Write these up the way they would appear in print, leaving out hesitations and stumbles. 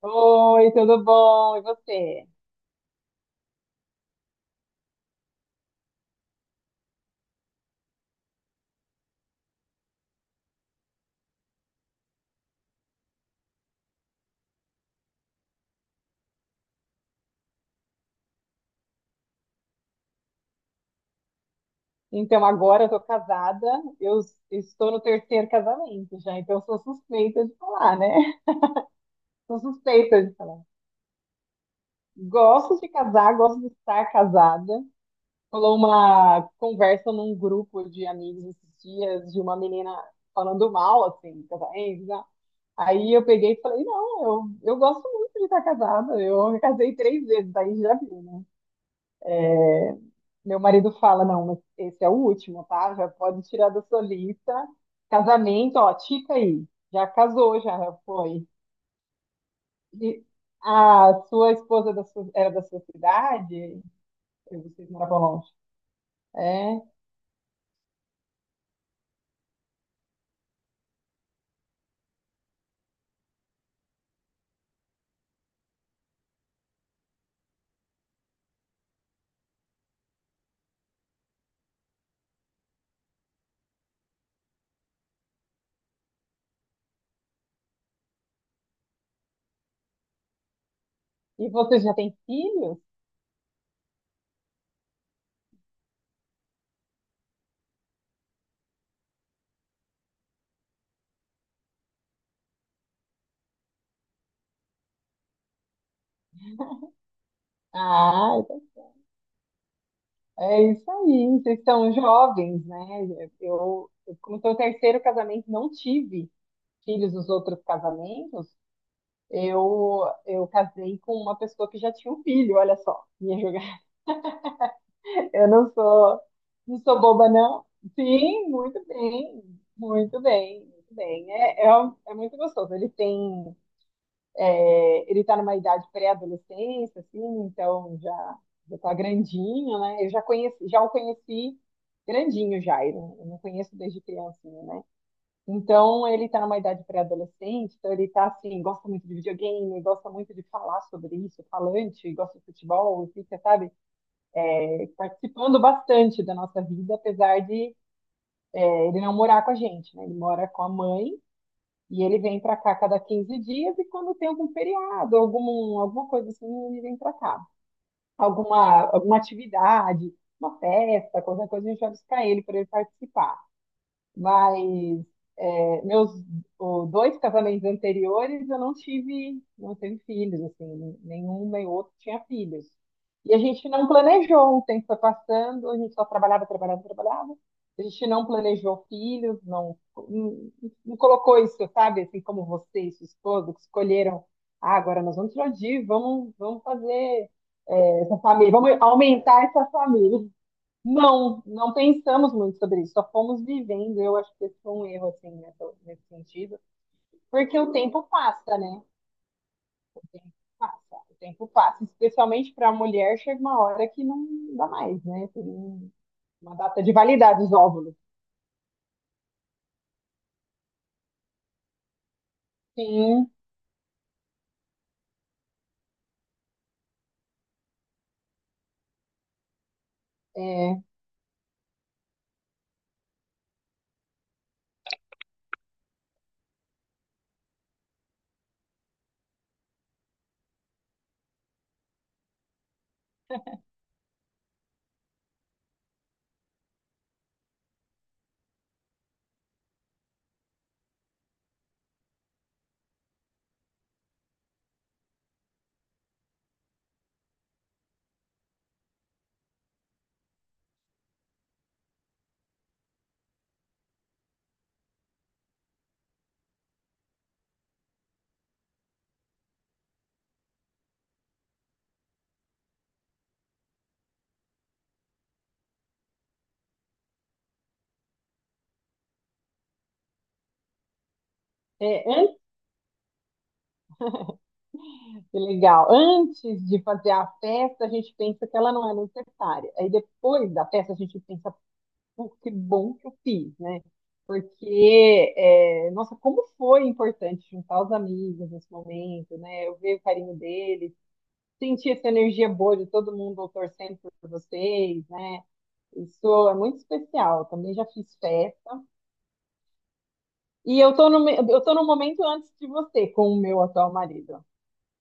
Oi, tudo bom? E você? Então, agora eu tô casada, estou no terceiro casamento já, então eu sou suspeita de falar, né? Sou suspeita de falar. Gosto de casar, gosto de estar casada. Rolou uma conversa num grupo de amigos esses dias de uma menina falando mal, assim, de casamento, né? Aí eu peguei e falei, não, eu gosto muito de estar casada, eu me casei três vezes, aí já vi. Meu marido fala, não, mas esse é o último, tá? Já pode tirar da sua lista. Casamento, ó, tica aí. Já casou, já foi. E a sua esposa era da sua cidade? E vocês moravam longe. É. E vocês já têm filhos? Ah, então é isso aí. Vocês são jovens, né? Eu como estou no terceiro casamento, não tive filhos nos outros casamentos. Eu casei com uma pessoa que já tinha um filho, olha só. Minha Eu não sou boba, não. Sim, muito bem, muito bem, muito bem. É muito gostoso. Ele está numa idade pré-adolescência, assim, então já está grandinho, né? Já o conheci grandinho já. Eu não conheço desde criancinha, né? Então ele está numa idade pré-adolescente, então ele está assim, gosta muito de videogame, gosta muito de falar sobre isso, falante, gosta de futebol, fica, sabe? Participando bastante da nossa vida, apesar de ele não morar com a gente, né? Ele mora com a mãe e ele vem para cá cada 15 dias e quando tem algum feriado, algum, alguma coisa assim, ele vem para cá. Alguma atividade, uma festa, qualquer coisa, a gente vai buscar ele para ele participar. Mas é, meus dois casamentos anteriores eu não tive filhos, assim, nenhum nem outro tinha filhos. E a gente não planejou, o tempo foi passando, a gente só trabalhava, trabalhava, trabalhava. A gente não planejou filhos, não, não, não colocou isso, sabe, assim como você e sua esposa, que escolheram, ah, agora nós vamos explodir, vamos fazer essa família, vamos aumentar essa família. Não, não pensamos muito sobre isso, só fomos vivendo. Eu acho que esse foi um erro, assim, nesse sentido. Porque o tempo passa, né? Passa, o tempo passa. Especialmente para a mulher, chega uma hora que não dá mais, né? Tem uma data de validade dos óvulos. Sim, é, é antes, que legal. Antes de fazer a festa, a gente pensa que ela não é necessária. Aí depois da festa, a gente pensa, pô, que bom que eu fiz, né? Porque, nossa, como foi importante juntar os amigos nesse momento, né? Eu ver o carinho deles, sentir essa energia boa de todo mundo torcendo por vocês, né? Isso é muito especial. Também já fiz festa. Eu tô no momento antes de você com o meu atual marido.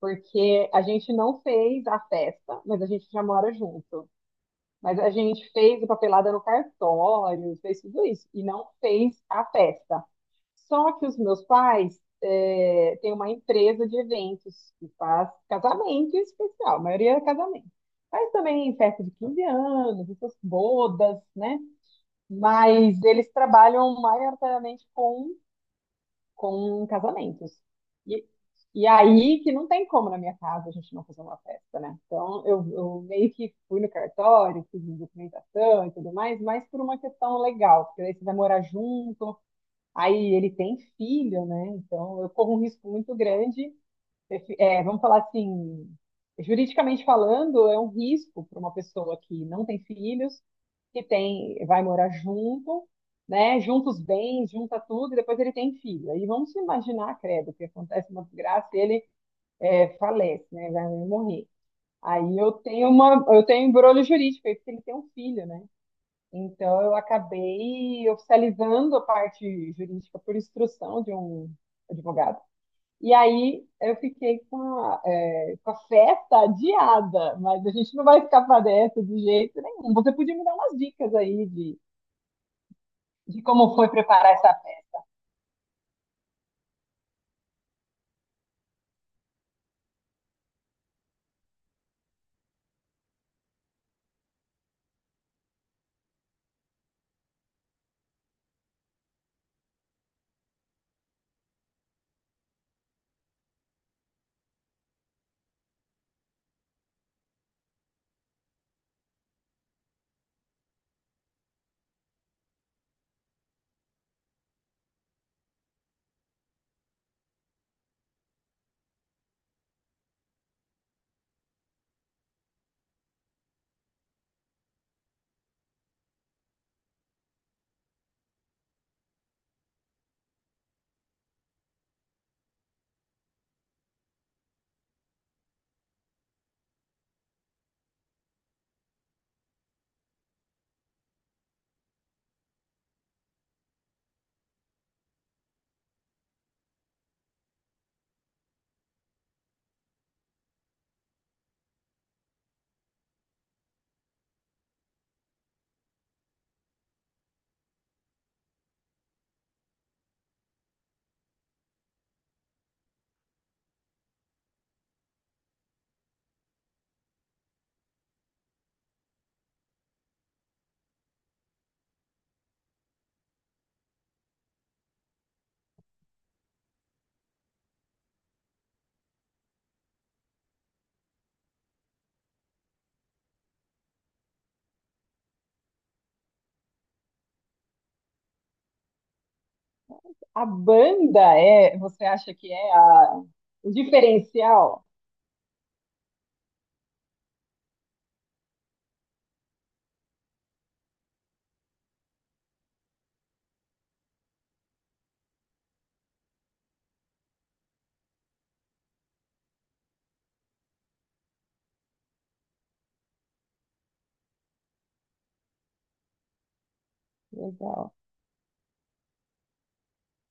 Porque a gente não fez a festa, mas a gente já mora junto. Mas a gente fez a papelada no cartório, fez tudo isso, e não fez a festa. Só que os meus pais têm uma empresa de eventos que faz casamento em especial, a maioria é casamento. Faz também festa de 15 anos, essas bodas, né? Mas eles trabalham maioritariamente com casamentos. E, e aí que não tem como na minha casa a gente não fazer uma festa, né? Então eu meio que fui no cartório, fiz documentação e tudo mais, mas por uma questão legal, porque aí você vai morar junto, aí ele tem filho, né? Então eu corro um risco muito grande, vamos falar assim, juridicamente falando, é um risco para uma pessoa que não tem filhos, que tem, vai morar junto, né? Junta os bens, junta tudo, e depois ele tem filho. Aí vamos imaginar, credo, que acontece uma desgraça e ele falece, né? Vai morrer. Aí eu tenho um embrulho jurídico, aí porque ele tem um filho, né? Então eu acabei oficializando a parte jurídica por instrução de um advogado. E aí eu fiquei com a festa adiada, mas a gente não vai escapar dessa de jeito nenhum. Você podia me dar umas dicas aí de como foi preparar essa festa. Você acha que é o diferencial? Legal.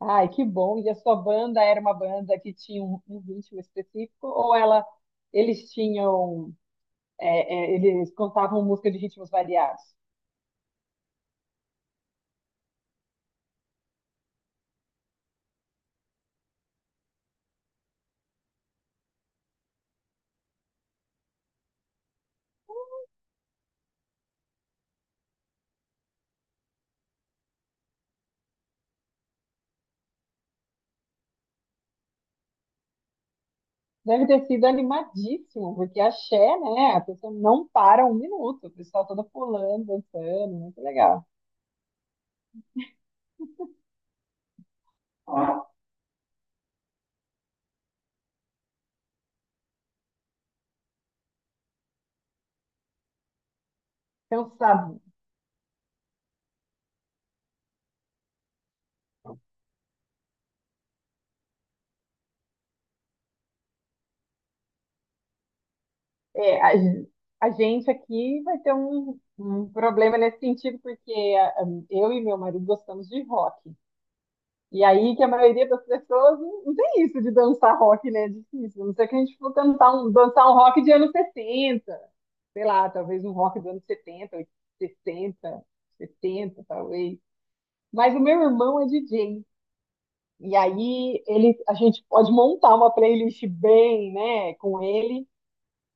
Ai, que bom. E a sua banda era uma banda que tinha um ritmo específico ou ela, eles tinham, é, é, eles cantavam música de ritmos variados? Deve ter sido animadíssimo, porque axé, né? A pessoa não para um minuto, o pessoal toda pulando, dançando, muito legal. Então, sabe, é, a, gen- a gente aqui vai ter um problema nesse sentido, porque eu e meu marido gostamos de rock. E aí que a maioria das pessoas não tem isso de dançar rock, né? É difícil. A não ser que a gente for dançar um rock de anos 60, sei lá, talvez um rock dos anos 70, sessenta, 70, talvez. Mas o meu irmão é DJ. E aí a gente pode montar uma playlist bem, né, com ele,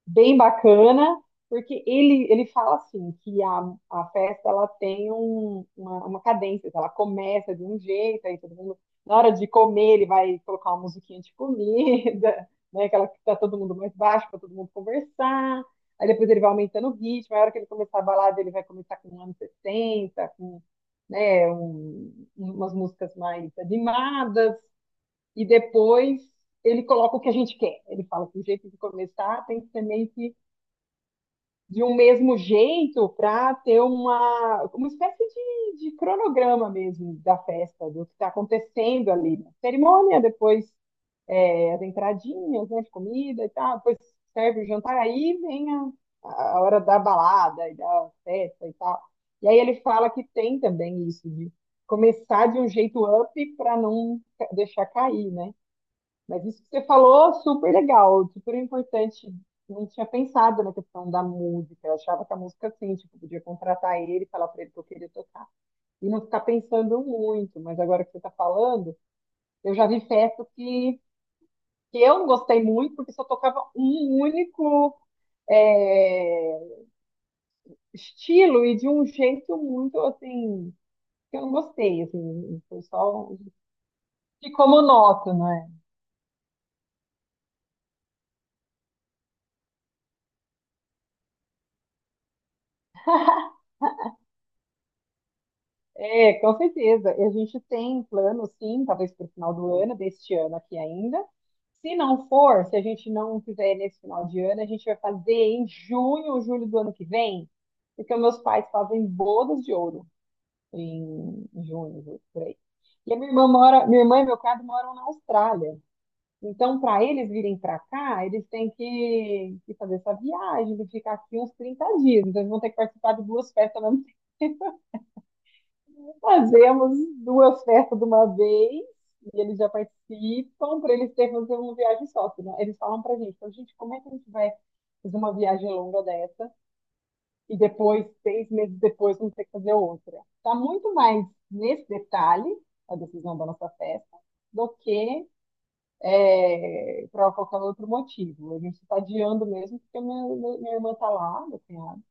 bem bacana, porque ele fala assim que a festa ela tem uma cadência, ela começa de um jeito, aí todo mundo, na hora de comer, ele vai colocar uma musiquinha de comida, né, aquela que tá todo mundo mais baixo para todo mundo conversar. Aí depois ele vai aumentando o ritmo, aí a hora que ele começar a balada, ele vai começar com um anos 60 com, né, umas músicas mais animadas e depois ele coloca o que a gente quer. Ele fala que o jeito de começar tem que ser meio que de um mesmo jeito para ter uma espécie de cronograma mesmo da festa, do que está acontecendo ali. Né? Cerimônia, depois as entradinhas, né, de comida e tal, depois serve o jantar, aí vem a hora da balada e da festa e tal. E aí ele fala que tem também isso de começar de um jeito up para não deixar cair, né? Mas isso que você falou, super legal, super importante. Não tinha pensado na questão da música. Eu achava que a música, assim, tipo, podia contratar ele e falar para ele que eu queria tocar. E não ficar pensando muito. Mas agora que você está falando, eu já vi festas que eu não gostei muito, porque só tocava um único, é, estilo, e de um jeito muito, assim, que eu não gostei, assim. Foi só. Ficou monótono, é. É, com certeza. E a gente tem plano, sim, talvez para o final do ano, deste ano aqui ainda. Se não for, se a gente não fizer nesse final de ano, a gente vai fazer em junho ou julho do ano que vem, porque meus pais fazem bodas de ouro em junho, julho, por aí. E a minha irmã mora, minha irmã e meu cunhado moram na Austrália. Então, para eles virem para cá, eles têm que fazer essa viagem, de ficar aqui uns 30 dias. Então, eles vão ter que participar de duas festas ao mesmo tempo. Fazemos duas festas de uma vez e eles já participam para eles terem fazer uma viagem só. Senão eles falam para gente, então, gente, como é que a gente vai fazer uma viagem longa dessa e depois, 6 meses depois, vamos ter que fazer outra? Está muito mais nesse detalhe a decisão da nossa festa do que, para qualquer outro motivo. A gente está adiando mesmo porque minha irmã está lá, meu cunhado,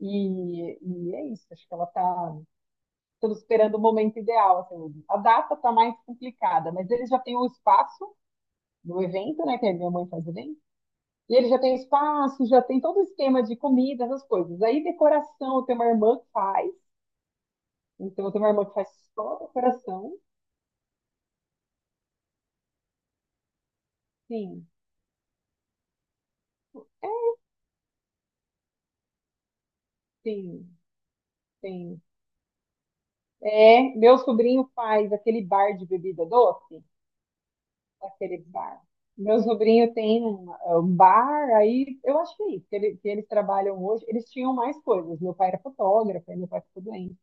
e é isso. Acho que ela está, todos esperando o momento ideal. Assim, a data está mais complicada, mas eles já têm o espaço do evento, né? Que a minha mãe faz evento. E ele já tem espaço, já tem todo o esquema de comida, essas coisas. Aí decoração, eu tenho uma irmã que faz. Então eu tenho uma irmã que faz só decoração. Sim, é, sim, sim. É, meu sobrinho faz aquele bar de bebida doce. Aquele bar. Meu sobrinho tem um, é um bar, aí eu acho que é isso, que eles trabalham hoje. Eles tinham mais coisas. Meu pai era fotógrafo, aí meu pai ficou doente.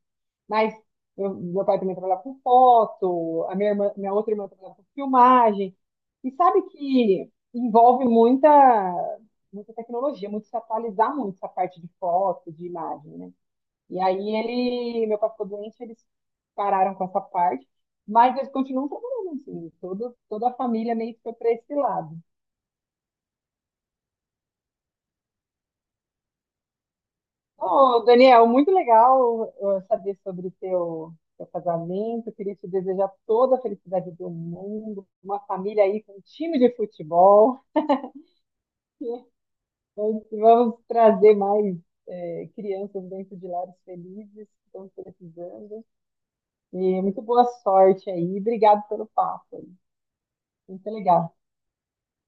Mas meu pai também trabalhava com foto, a minha irmã, minha outra irmã trabalhava com filmagem. E sabe que envolve muita, muita tecnologia, muito se atualizar muito essa parte de foto, de imagem, né? E aí meu pai ficou doente, eles pararam com essa parte, mas eles continuam trabalhando assim, todo, toda a família meio que foi para esse lado. Ô, Daniel, muito legal saber sobre o teu casamento. Eu queria te desejar toda a felicidade do mundo, uma família aí com um time de futebol. Vamos trazer mais crianças dentro de lares felizes, que estão precisando, e muito boa sorte aí, obrigado pelo papo, aí. Muito legal.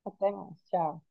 Até mais. Tchau.